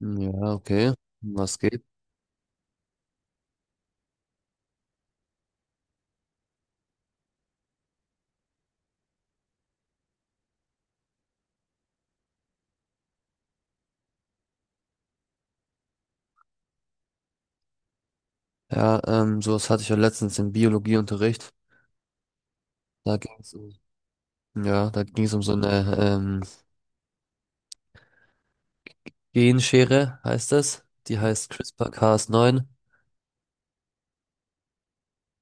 Ja, okay. Was geht? Ja, sowas hatte ich ja letztens im Biologieunterricht. Da ging es um, ja, da ging es um so eine Genschere, heißt das. Die heißt CRISPR-Cas9,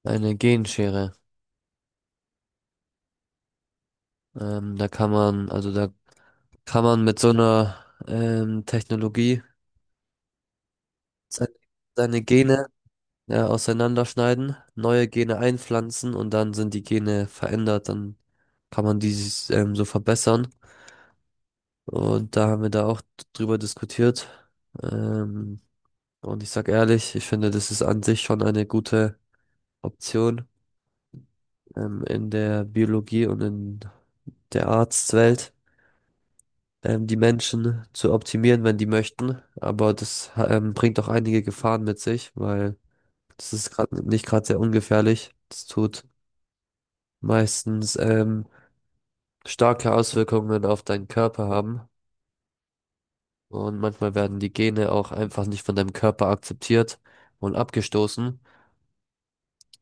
eine Genschere. Da kann man, also da kann man mit so einer Technologie seine, seine Gene ja, auseinanderschneiden, neue Gene einpflanzen und dann sind die Gene verändert, dann kann man die so verbessern. Und da haben wir da auch drüber diskutiert. Ähm, und ich sag ehrlich, ich finde, das ist an sich schon eine gute Option, in der Biologie und in der Arztwelt, die Menschen zu optimieren, wenn die möchten. Aber das, bringt auch einige Gefahren mit sich, weil das ist gerade nicht gerade sehr ungefährlich. Das tut meistens, starke Auswirkungen auf deinen Körper haben. Und manchmal werden die Gene auch einfach nicht von deinem Körper akzeptiert und abgestoßen.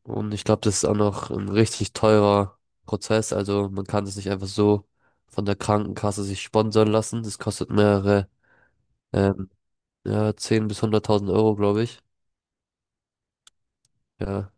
Und ich glaube, das ist auch noch ein richtig teurer Prozess. Also man kann das nicht einfach so von der Krankenkasse sich sponsern lassen. Das kostet mehrere, ähm, ja, 10 bis 100.000 Euro, glaube ich. Ja,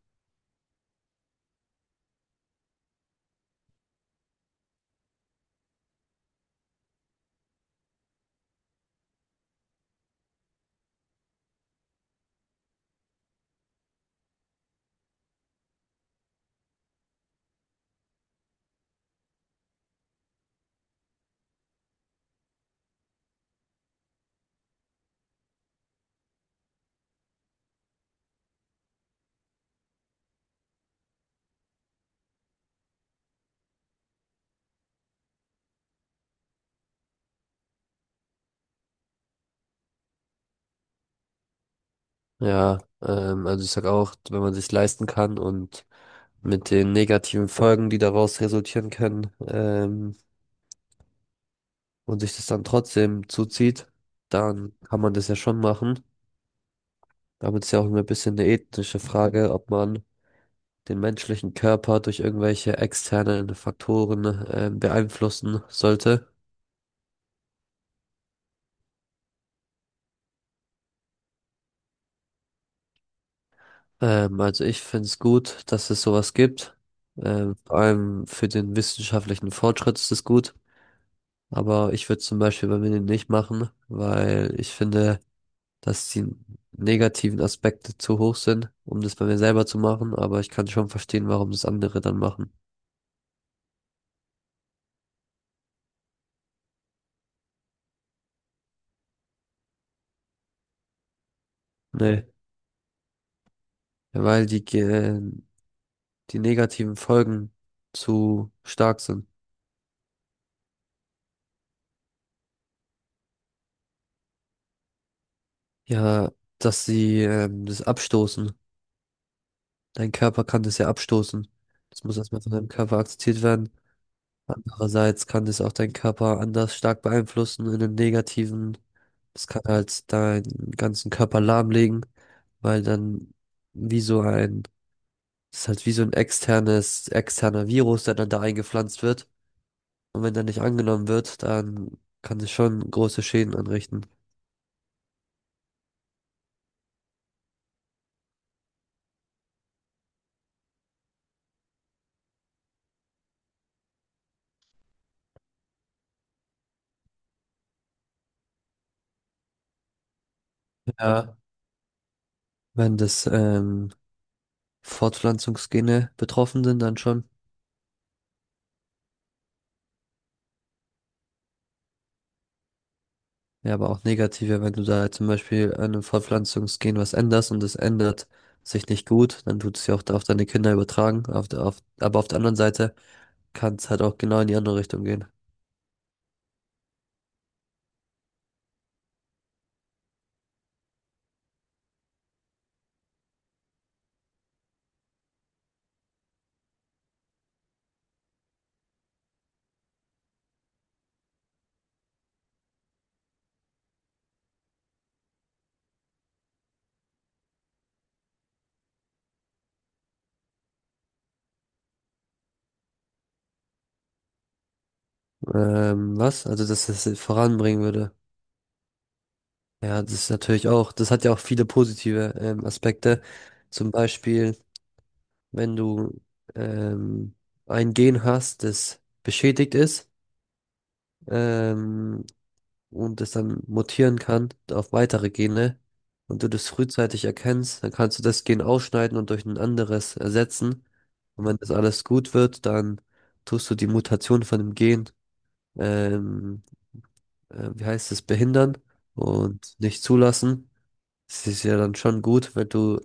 ja. Also ich sag auch, wenn man sich leisten kann und mit den negativen Folgen, die daraus resultieren können, und sich das dann trotzdem zuzieht, dann kann man das ja schon machen. Damit ist ja auch ein bisschen eine ethische Frage, ob man den menschlichen Körper durch irgendwelche externen Faktoren beeinflussen sollte. Also ich finde es gut, dass es sowas gibt. Vor allem für den wissenschaftlichen Fortschritt ist es gut. Aber ich würde zum Beispiel bei mir nicht machen, weil ich finde, dass die negativen Aspekte zu hoch sind, um das bei mir selber zu machen. Aber ich kann schon verstehen, warum das andere dann machen. Nee, weil die negativen Folgen zu stark sind. Ja, dass sie das abstoßen. Dein Körper kann das ja abstoßen. Das muss erstmal von deinem Körper akzeptiert werden. Andererseits kann das auch deinen Körper anders stark beeinflussen in den negativen. Das kann halt deinen ganzen Körper lahmlegen, weil dann wie so ein, das ist halt wie so ein externer Virus, der dann da eingepflanzt wird. Und wenn der nicht angenommen wird, dann kann es schon große Schäden anrichten. Ja. Wenn das Fortpflanzungsgene betroffen sind, dann schon. Ja, aber auch negative, wenn du da zum Beispiel an einem Fortpflanzungsgen was änderst und es ändert sich nicht gut, dann tut es ja auch auf deine Kinder übertragen. Aber auf der anderen Seite kann es halt auch genau in die andere Richtung gehen. Was? Also, dass es voranbringen würde. Ja, das ist natürlich auch, das hat ja auch viele positive Aspekte. Zum Beispiel, wenn du ähm, ein Gen hast, das beschädigt ist, ähm, und es dann mutieren kann auf weitere Gene und du das frühzeitig erkennst, dann kannst du das Gen ausschneiden und durch ein anderes ersetzen. Und wenn das alles gut wird, dann tust du die Mutation von dem Gen, ähm, wie heißt es, behindern und nicht zulassen. Das ist ja dann schon gut, wenn du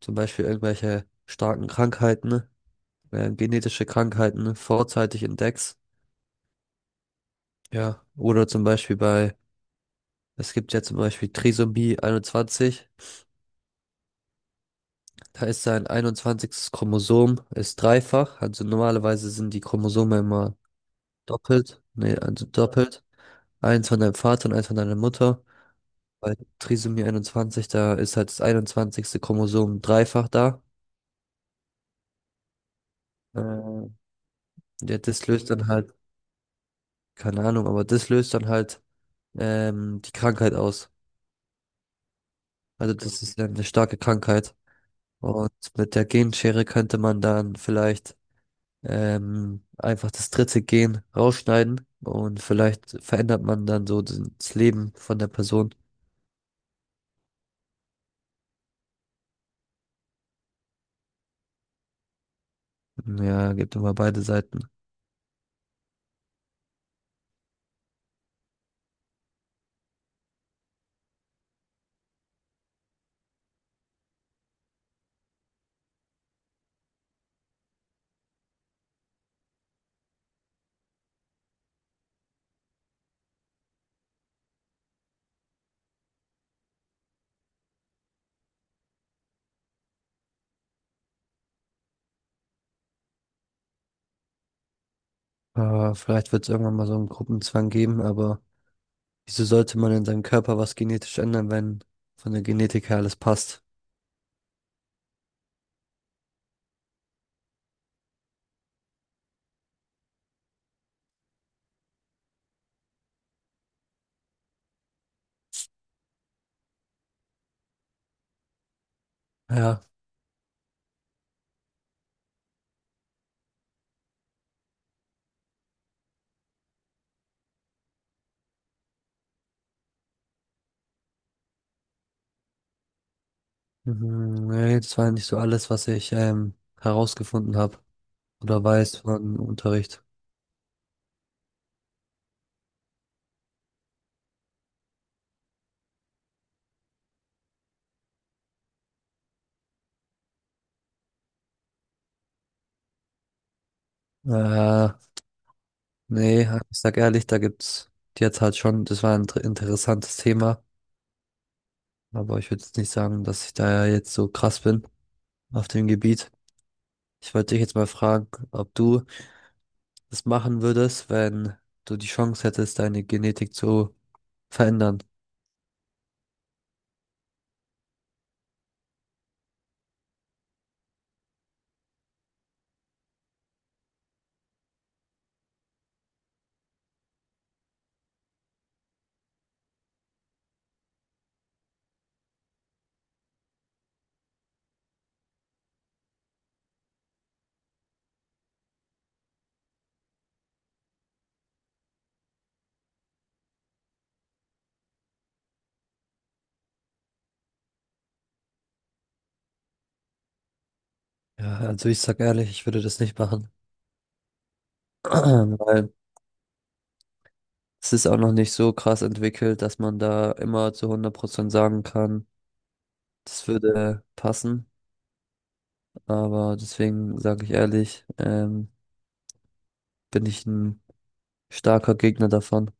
zum Beispiel irgendwelche starken Krankheiten, genetische Krankheiten vorzeitig entdeckst. Ja, oder zum Beispiel bei, es gibt ja zum Beispiel Trisomie 21. Da ist sein einundzwanzigstes Chromosom, ist dreifach. Also normalerweise sind die Chromosome immer doppelt. Nee, also doppelt. Eins von deinem Vater und eins von deiner Mutter. Bei Trisomie 21, da ist halt das 21. Chromosom dreifach da. Äh, ja, das löst dann halt, keine Ahnung, aber das löst dann halt die Krankheit aus. Also das ist ja eine starke Krankheit. Und mit der Genschere könnte man dann vielleicht einfach das dritte Gen rausschneiden und vielleicht verändert man dann so das Leben von der Person. Ja, gibt immer beide Seiten. Vielleicht wird es irgendwann mal so einen Gruppenzwang geben, aber wieso sollte man in seinem Körper was genetisch ändern, wenn von der Genetik her alles passt? Ja, mhm, nee, das war nicht so alles, was ich herausgefunden habe oder weiß von Unterricht. Äh, nee, ich sag ehrlich, da gibt's jetzt halt schon, das war ein interessantes Thema. Aber ich würde jetzt nicht sagen, dass ich da ja jetzt so krass bin auf dem Gebiet. Ich wollte dich jetzt mal fragen, ob du das machen würdest, wenn du die Chance hättest, deine Genetik zu verändern. Ja, also ich sag ehrlich, ich würde das nicht machen, weil es ist auch noch nicht so krass entwickelt, dass man da immer zu 100% sagen kann, das würde passen. Aber deswegen sage ich ehrlich, bin ich ein starker Gegner davon.